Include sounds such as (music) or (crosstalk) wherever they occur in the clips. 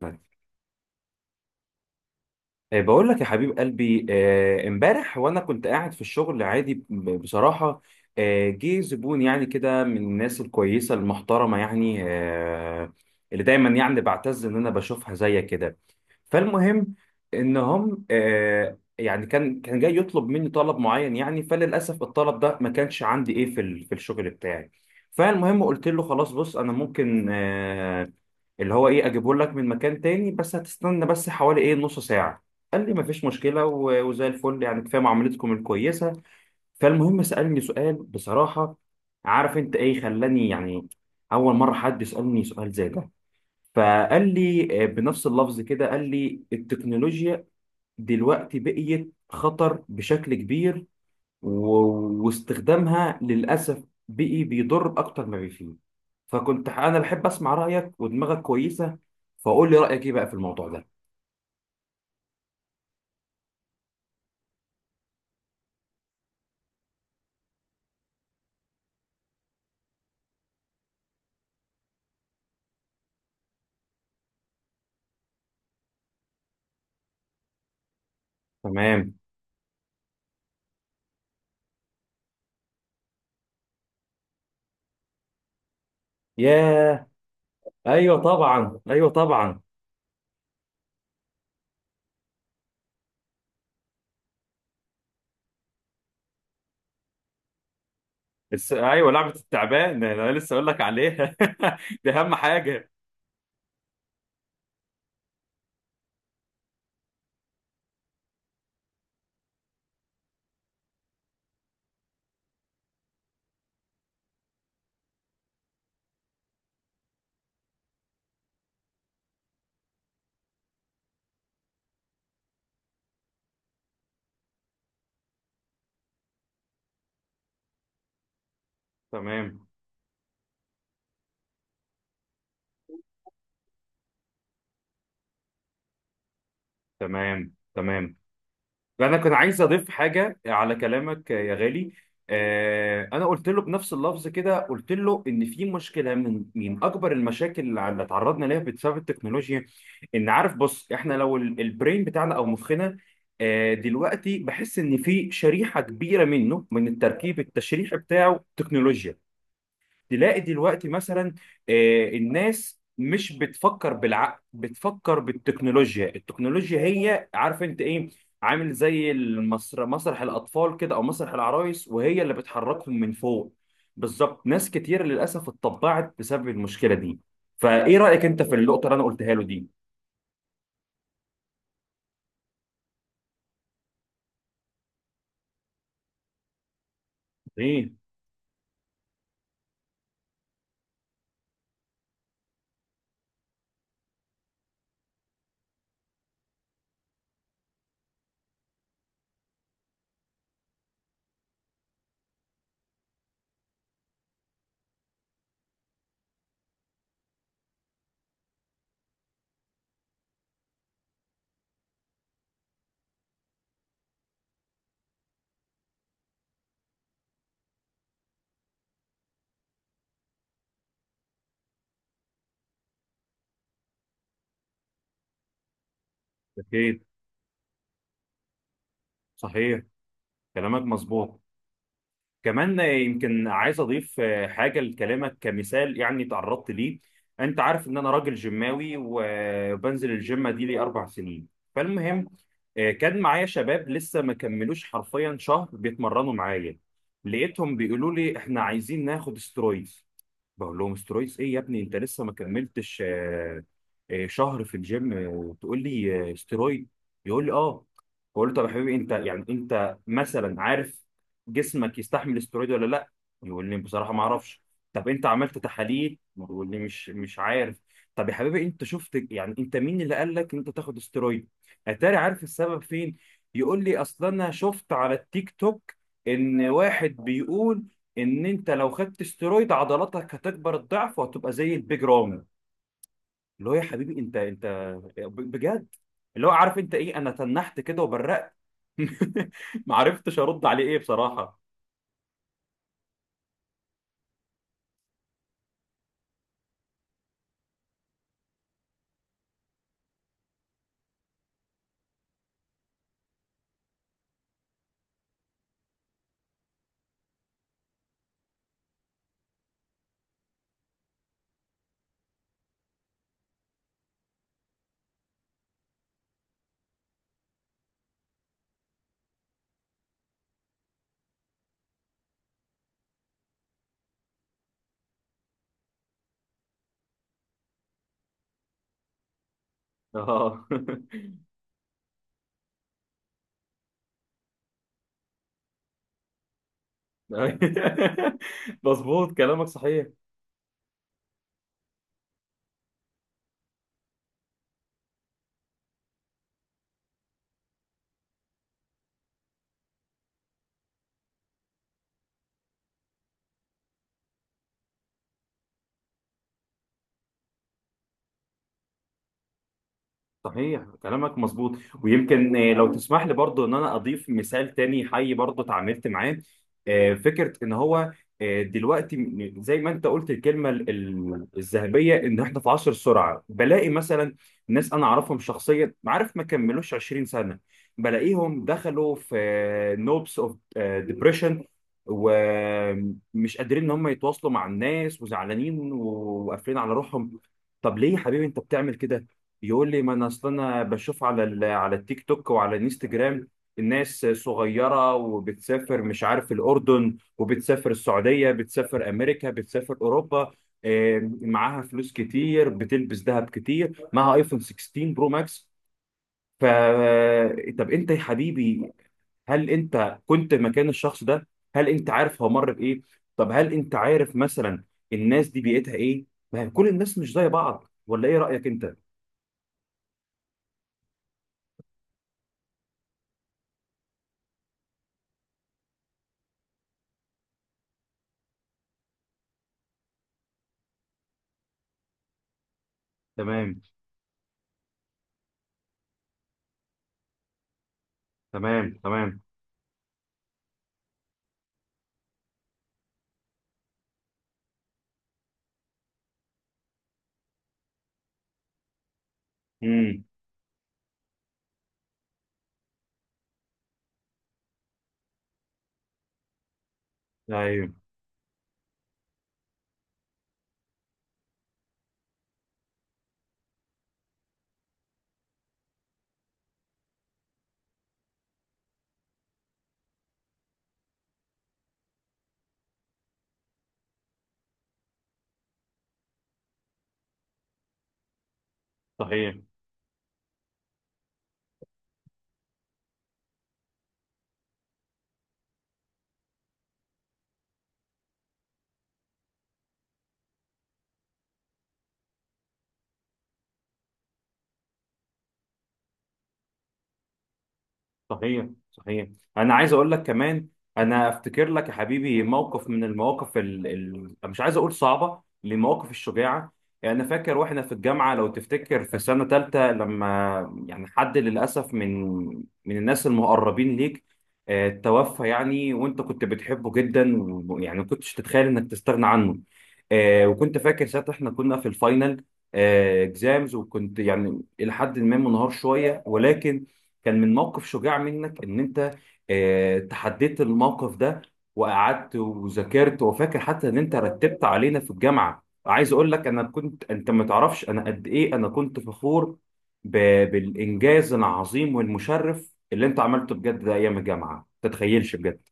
باي. بقول لك يا حبيب قلبي، امبارح وانا كنت قاعد في الشغل عادي، بصراحة جه زبون، يعني كده من الناس الكويسة المحترمة، يعني اللي دايما يعني بعتز ان انا بشوفها زي كده. فالمهم ان هم، يعني كان جاي يطلب مني طلب معين، يعني فللاسف الطلب ده ما كانش عندي ايه في الشغل بتاعي. فالمهم قلت له خلاص بص، انا ممكن اللي هو ايه اجيبه لك من مكان تاني، بس هتستنى بس حوالي ايه نص ساعة. قال لي مفيش مشكلة، وزي الفل، يعني كفاية معاملتكم الكويسة. فالمهم سألني سؤال بصراحة، عارف انت ايه خلاني يعني أول مرة حد يسألني سؤال زي ده؟ فقال لي بنفس اللفظ كده، قال لي التكنولوجيا دلوقتي بقيت خطر بشكل كبير، واستخدامها للأسف بقي بيضر أكتر ما بيفيد. أنا بحب أسمع رأيك، ودماغك كويسة، فقول لي رأيك ايه بقى في الموضوع ده؟ تمام. ياه. ايوه طبعا، ايوه طبعا. ايوه، لعبه التعبان، انا لسه اقول لك عليها. (laughs) دي اهم حاجه. تمام. تمام تمام. انا كنت عايز اضيف حاجه على كلامك يا غالي. آه، انا قلت له بنفس اللفظ كده، قلت له ان في مشكله، من اكبر المشاكل اللي اتعرضنا ليها بسبب التكنولوجيا، ان عارف بص، احنا لو البرين بتاعنا او مخنا دلوقتي بحس ان في شريحه كبيره منه من التركيب التشريح بتاعه تكنولوجيا. تلاقي دلوقتي مثلا الناس مش بتفكر بالعقل، بتفكر بالتكنولوجيا. التكنولوجيا هي، عارف انت ايه، عامل زي مسرح الاطفال كده، او مسرح العرايس، وهي اللي بتحركهم من فوق. بالظبط، ناس كتير للاسف اتطبعت بسبب المشكله دي. فايه رايك انت في النقطه اللي انا قلتها له دي؟ ايه. اكيد. صحيح، كلامك مظبوط. كمان يمكن عايز اضيف حاجه لكلامك، كمثال يعني تعرضت ليه. انت عارف ان انا راجل جماوي، وبنزل الجيم دي لي اربع سنين. فالمهم كان معايا شباب لسه ما كملوش حرفيا شهر بيتمرنوا معايا، لقيتهم بيقولوا لي احنا عايزين ناخد استرويد. بقول لهم استرويس ايه يا ابني؟ انت لسه ما كملتش شهر في الجيم وتقول لي استرويد؟ يقول لي اه. بقول له طب يا حبيبي انت، يعني انت مثلا عارف جسمك يستحمل استرويد ولا لا؟ يقول لي بصراحه ما اعرفش. طب انت عملت تحاليل؟ يقول لي مش عارف. طب يا حبيبي انت شفت، يعني انت مين اللي قال لك ان انت تاخد استرويد؟ اتاري عارف السبب فين؟ يقول لي اصل انا شفت على التيك توك ان واحد بيقول ان انت لو خدت استرويد عضلاتك هتكبر الضعف، وهتبقى زي البيج رامي. اللي هو يا حبيبي انت بجد، اللي هو عارف انت ايه، انا تنحت كده وبرقت. (laughs) ما عرفتش ارد عليه ايه بصراحة. اه. (laughs) مظبوط، كلامك صحيح. صحيح، كلامك مظبوط. ويمكن لو تسمح لي برضو ان انا اضيف مثال تاني حي برضو اتعاملت معاه. فكرة ان هو دلوقتي زي ما انت قلت الكلمة الذهبية، ان احنا في عصر السرعة، بلاقي مثلا ناس انا اعرفهم شخصيا، عارف، ما كملوش 20 سنة، بلاقيهم دخلوا في نوبس اوف ديبريشن، ومش قادرين ان هم يتواصلوا مع الناس، وزعلانين وقافلين على روحهم. طب ليه يا حبيبي انت بتعمل كده؟ يقول لي ما انا اصل انا بشوف على التيك توك وعلى الانستجرام، الناس صغيره وبتسافر، مش عارف، الاردن، وبتسافر السعوديه، بتسافر امريكا، بتسافر اوروبا، معاها فلوس كتير، بتلبس ذهب كتير، معاها ايفون 16 برو ماكس. ف طب انت يا حبيبي، هل انت كنت مكان الشخص ده؟ هل انت عارف هو مر بايه؟ طب هل انت عارف مثلا الناس دي بيئتها ايه؟ ما هي كل الناس مش زي بعض، ولا ايه رايك انت؟ تمام. تمام تمام. امم ايوه. صحيح. صحيح صحيح. انا عايز اقول لك كمان، انا افتكر لك يا حبيبي موقف من المواقف مش عايز اقول صعبه، لمواقف الشجاعه. يعني انا فاكر واحنا في الجامعه، لو تفتكر في سنه ثالثه، لما يعني حد للاسف من الناس المقربين ليك توفى، يعني وانت كنت بتحبه جدا، ويعني ما كنتش تتخيل انك تستغنى عنه. وكنت فاكر ساعتها احنا كنا في الفاينل اكزامز، وكنت يعني الى حد ما منهار شويه، ولكن كان من موقف شجاع منك ان انت تحديت الموقف ده، وقعدت وذاكرت. وفاكر حتى ان انت رتبت علينا في الجامعه. عايز اقول لك، انا كنت، انت ما تعرفش انا قد ايه انا كنت فخور ب... بالانجاز العظيم والمشرف اللي انت عملته بجد ده ايام الجامعه. ما تتخيلش بجد.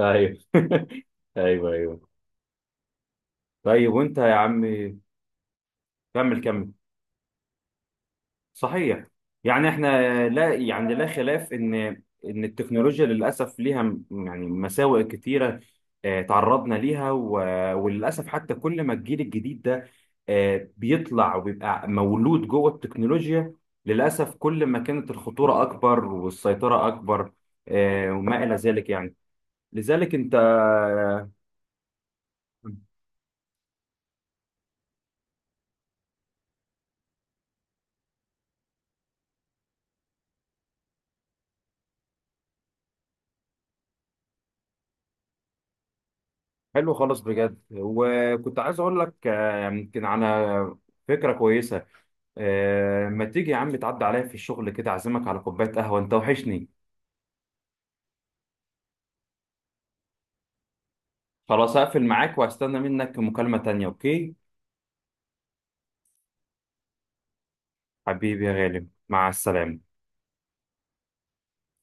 ايوه. ايوه ايوه. طيب وانت يا عم. كمل كمل. صحيح. يعني احنا، لا يعني، لا خلاف ان ان التكنولوجيا للاسف ليها يعني مساوئ كتيره تعرضنا ليها، وللاسف حتى كل ما الجيل الجديد ده بيطلع وبيبقى مولود جوه التكنولوجيا، للاسف كل ما كانت الخطوره اكبر والسيطره اكبر وما الى ذلك يعني. لذلك انت، حلو خالص بجد. وكنت عايز اقول لك يمكن على فكره كويسه ما تيجي يا عم تعدي عليا في الشغل كده، اعزمك على كوباية قهوة، انت وحشني. خلاص، هقفل معاك وهستنى منك مكالمة تانية، اوكي؟ حبيبي يا غالي، مع السلامة.